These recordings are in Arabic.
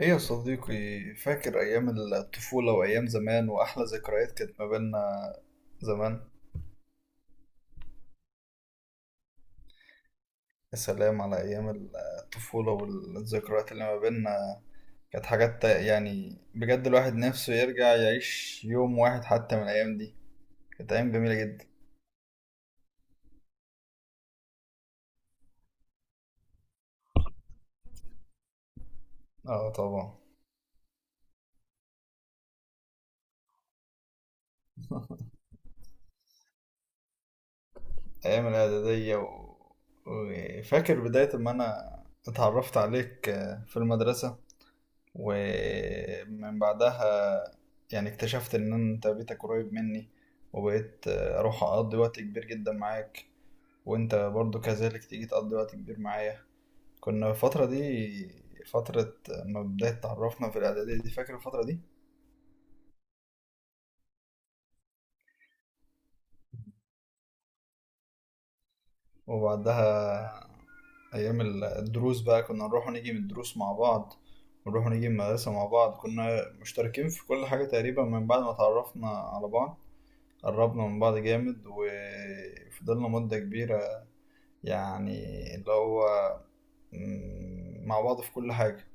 ايه يا صديقي، فاكر ايام الطفولة وايام زمان واحلى ذكريات كانت ما بيننا زمان. يا سلام على ايام الطفولة والذكريات اللي ما بيننا، كانت حاجات يعني بجد الواحد نفسه يرجع يعيش يوم واحد حتى من الايام دي. كانت ايام جميلة جدا. اه طبعا. ايام الاعدادية وفاكر بداية ما انا اتعرفت عليك، في المدرسة. ومن بعدها يعني اكتشفت ان انت بيتك قريب مني، وبقيت اروح اقضي وقت كبير جدا معاك. وانت برضو كذلك تيجي تقضي وقت كبير معايا. كنا الفترة دي فترة ما بداية تعرفنا في الإعدادية دي. فاكر الفترة دي؟ وبعدها أيام الدروس بقى كنا نروح ونيجي من الدروس مع بعض، ونروح ونيجي من المدرسة مع بعض. كنا مشتركين في كل حاجة تقريبا من بعد ما تعرفنا على بعض. قربنا من بعض جامد وفضلنا مدة كبيرة، يعني اللي هو مع بعض في كل حاجة.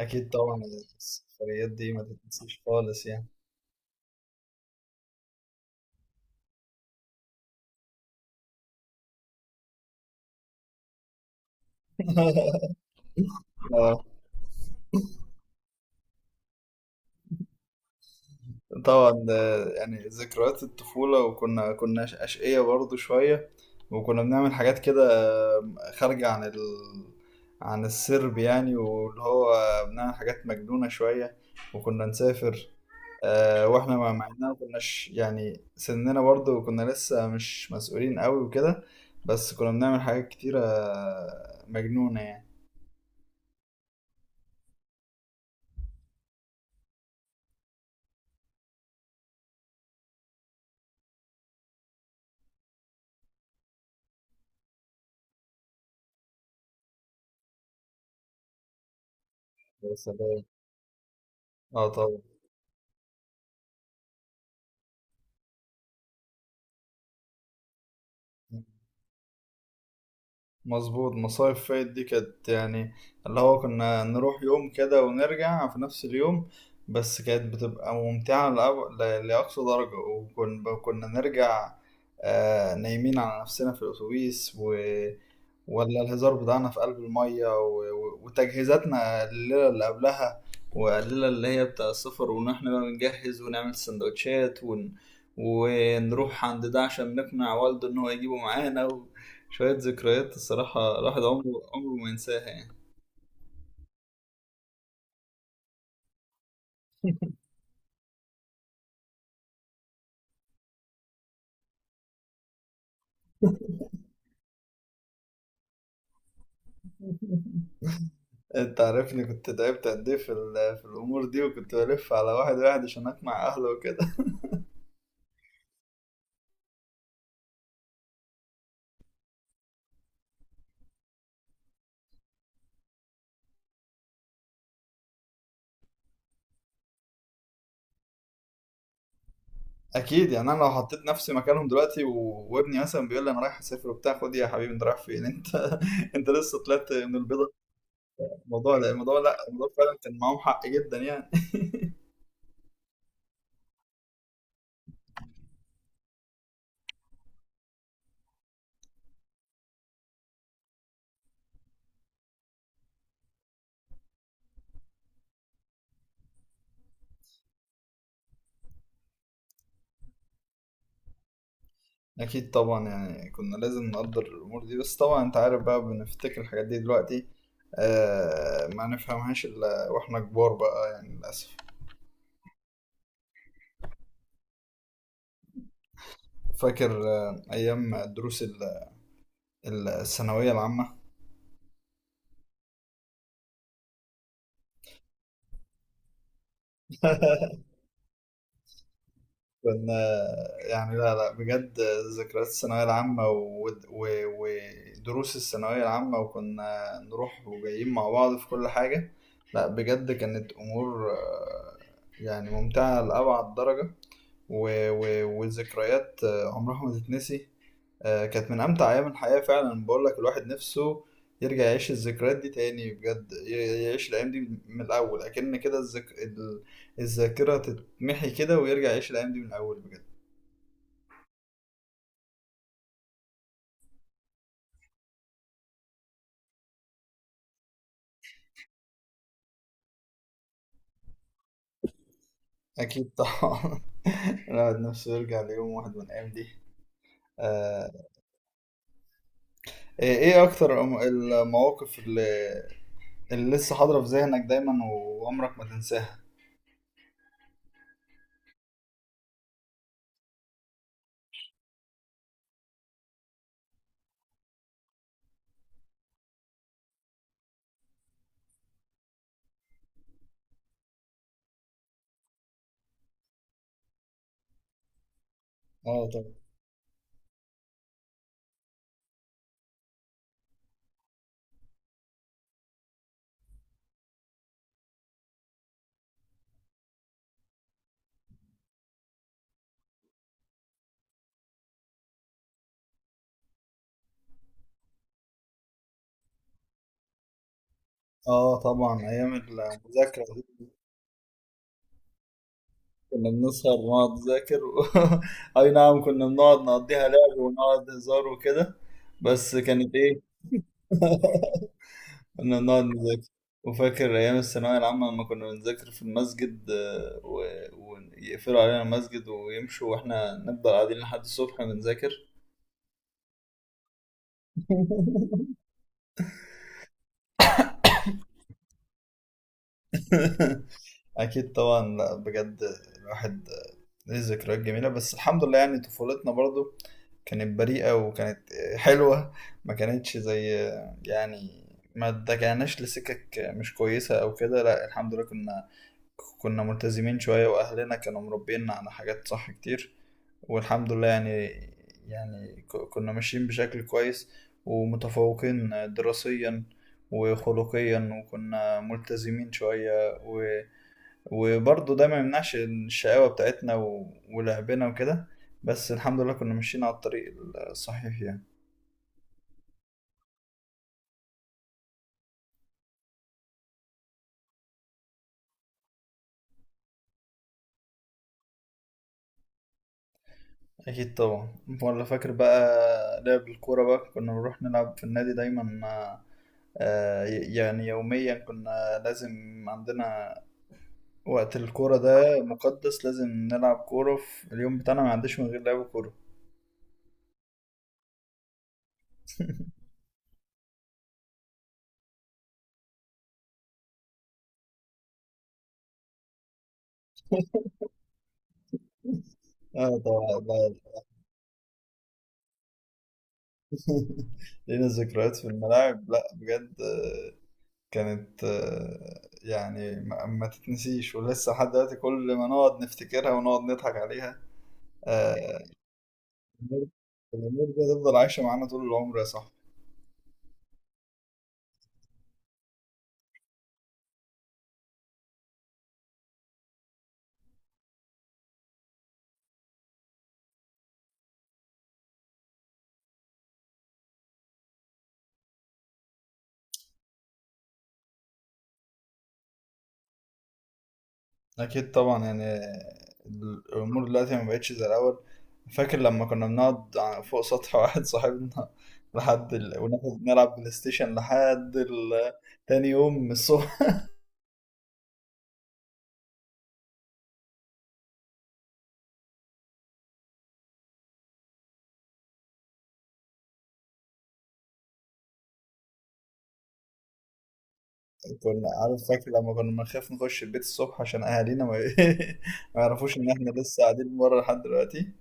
أكيد طبعا. السفريات دي ما تتنسيش خالص يعني. طبعا، يعني ذكريات الطفولة، وكنا أشقية برضو شوية. وكنا بنعمل حاجات كده، آه، خارجة عن السرب، يعني واللي هو بنعمل حاجات مجنونة شوية، وكنا نسافر. واحنا مع اننا ما كناش يعني سننا، برضو كنا لسه مش مسؤولين قوي وكده. بس كنا بنعمل حاجات كتيرة مجنونة يعني. يا سلام. اه طبعا مظبوط. مصايف فايت دي كانت يعني اللي هو كنا نروح يوم كده ونرجع في نفس اليوم. بس كانت بتبقى ممتعة لأقصى درجة، وكنا نرجع نايمين على نفسنا في الأتوبيس ولا الهزار بتاعنا في قلب المية وتجهيزاتنا الليلة اللي قبلها، والليلة اللي هي بتاع السفر، وإن إحنا بقى بنجهز ونعمل سندوتشات ونروح عند ده عشان نقنع والده إن هو يجيبه معانا. وشوية ذكريات، الصراحة الواحد عمره ما ينساها يعني. أنت عارفني كنت تعبت قد إيه في الأمور دي، وكنت بلف على واحد واحد عشان أقنع أهله وكده. اكيد يعني انا لو حطيت نفسي مكانهم دلوقتي وابني مثلا بيقول لي انا رايح اسافر وبتاع، خد يا حبيبي انت رايح فين انت؟ انت لسه طلعت من البيضه في الموضوع لا الموضوع لا الموضوع فعلا كان معاهم حق جدا يعني. اكيد طبعا، يعني كنا لازم نقدر الامور دي، بس طبعا انت عارف بقى بنفتكر الحاجات دي دلوقتي، ما نفهمهاش الا واحنا كبار بقى يعني، للاسف. فاكر ايام دروس الثانويه العامه؟ كنا يعني، لا لا بجد، ذكريات الثانوية العامة ودروس الثانوية العامة، وكنا نروح وجايين مع بعض في كل حاجة. لا بجد، كانت أمور يعني ممتعة لأبعد درجة، وذكريات عمرها ما تتنسي. كانت من أمتع أيام الحياة فعلا، بقول لك الواحد نفسه يرجع يعيش الذكريات دي تاني، بجد يعيش الأيام دي من الأول، أكن كده الذاكرة تتمحي كده، ويرجع يعيش الأيام دي من الأول بجد. أكيد طبعا. الواحد نفسه يرجع ليوم واحد من الأيام دي. آه، إيه أكتر المواقف اللي لسه حاضرة في ذهنك دايما وعمرك ما تنساها؟ آه طبعا. آه طبعا، أيام المذاكرة دي كنا بنسهر ونقعد نذاكر أي نعم، كنا بنقعد نقضيها لعب ونقعد هزار وكده، بس كانت إيه. كنا بنقعد نذاكر. وفاكر أيام الثانوية العامة لما كنا بنذاكر في المسجد، ويقفلوا علينا المسجد ويمشوا وإحنا نفضل قاعدين لحد الصبح بنذاكر. أكيد طبعا. لا بجد، الواحد ليه ذكريات جميلة، بس الحمد لله، يعني طفولتنا برضو كانت بريئة وكانت حلوة. ما كانتش زي يعني، ما اتجهناش لسكك مش كويسة أو كده. لا الحمد لله، كنا ملتزمين شوية، وأهلنا كانوا مربينا على حاجات صح كتير. والحمد لله يعني، كنا ماشيين بشكل كويس، ومتفوقين دراسيا وخلقيا، وكنا ملتزمين شوية، وبرضه ده ما يمنعش الشقاوة بتاعتنا، ولعبنا وكده. بس الحمد لله كنا ماشيين على الطريق الصحيح يعني. أكيد طبعا. ولا فاكر بقى لعب الكورة بقى؟ كنا بنروح نلعب في النادي دايما، يعني يوميا. كنا لازم عندنا وقت الكورة ده مقدس، لازم نلعب كورة في اليوم بتاعنا، ما عنديش من غير لعب كورة. اه طبعا لا. لينا ذكريات في الملاعب، لا بجد، كانت يعني ما تتنسيش، ولسه لحد دلوقتي كل ما نقعد نفتكرها ونقعد نضحك عليها. آه، الأمور الأمور دي هتفضل عايشة معانا طول العمر يا صاحبي. اكيد طبعا. يعني الامور دلوقتي ما بقتش زي الاول. فاكر لما كنا بنقعد فوق سطح واحد صاحبنا؟ وناخد نلعب بلاي ستيشن تاني يوم من الصبح. كنا عارف، فاكر لما كنا بنخاف نخش البيت الصبح عشان اهالينا ما, ما يعرفوش ان احنا لسه قاعدين بره لحد دلوقتي.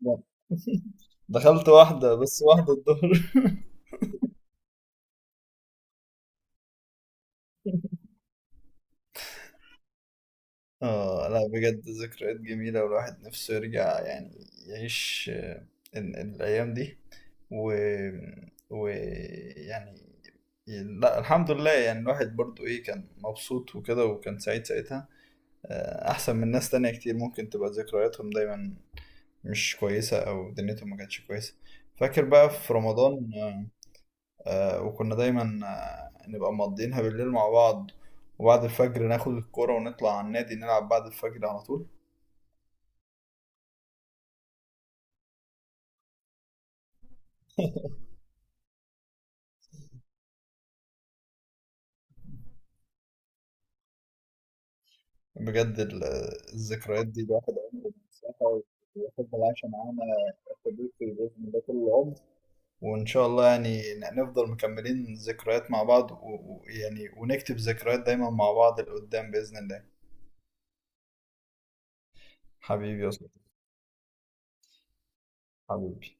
لا. دخلت واحدة، بس واحدة الظهر. اه لا بجد، ذكريات جميلة، والواحد نفسه يرجع يعني يعيش الأيام دي و... و يعني. لا الحمد لله يعني، الواحد برضو ايه كان مبسوط وكده، وكان سعيد ساعتها، أحسن من ناس تانية كتير ممكن تبقى ذكرياتهم دايما مش كويسة أو دنيتهم ما كانتش كويسة. فاكر بقى في رمضان؟ وكنا دايما نبقى مقضيينها بالليل مع بعض، وبعد الفجر ناخد الكورة ونطلع على النادي نلعب بعد الفجر على طول. بجد الذكريات دي الواحد عمره ما ينساها، ويفضل عايشة معانا في البيت، بإذن الله طول العمر. وإن شاء الله يعني نفضل مكملين ذكريات مع بعض، ويعني ونكتب ذكريات دايما مع بعض لقدام بإذن الله. حبيبي يا صديقي. حبيبي.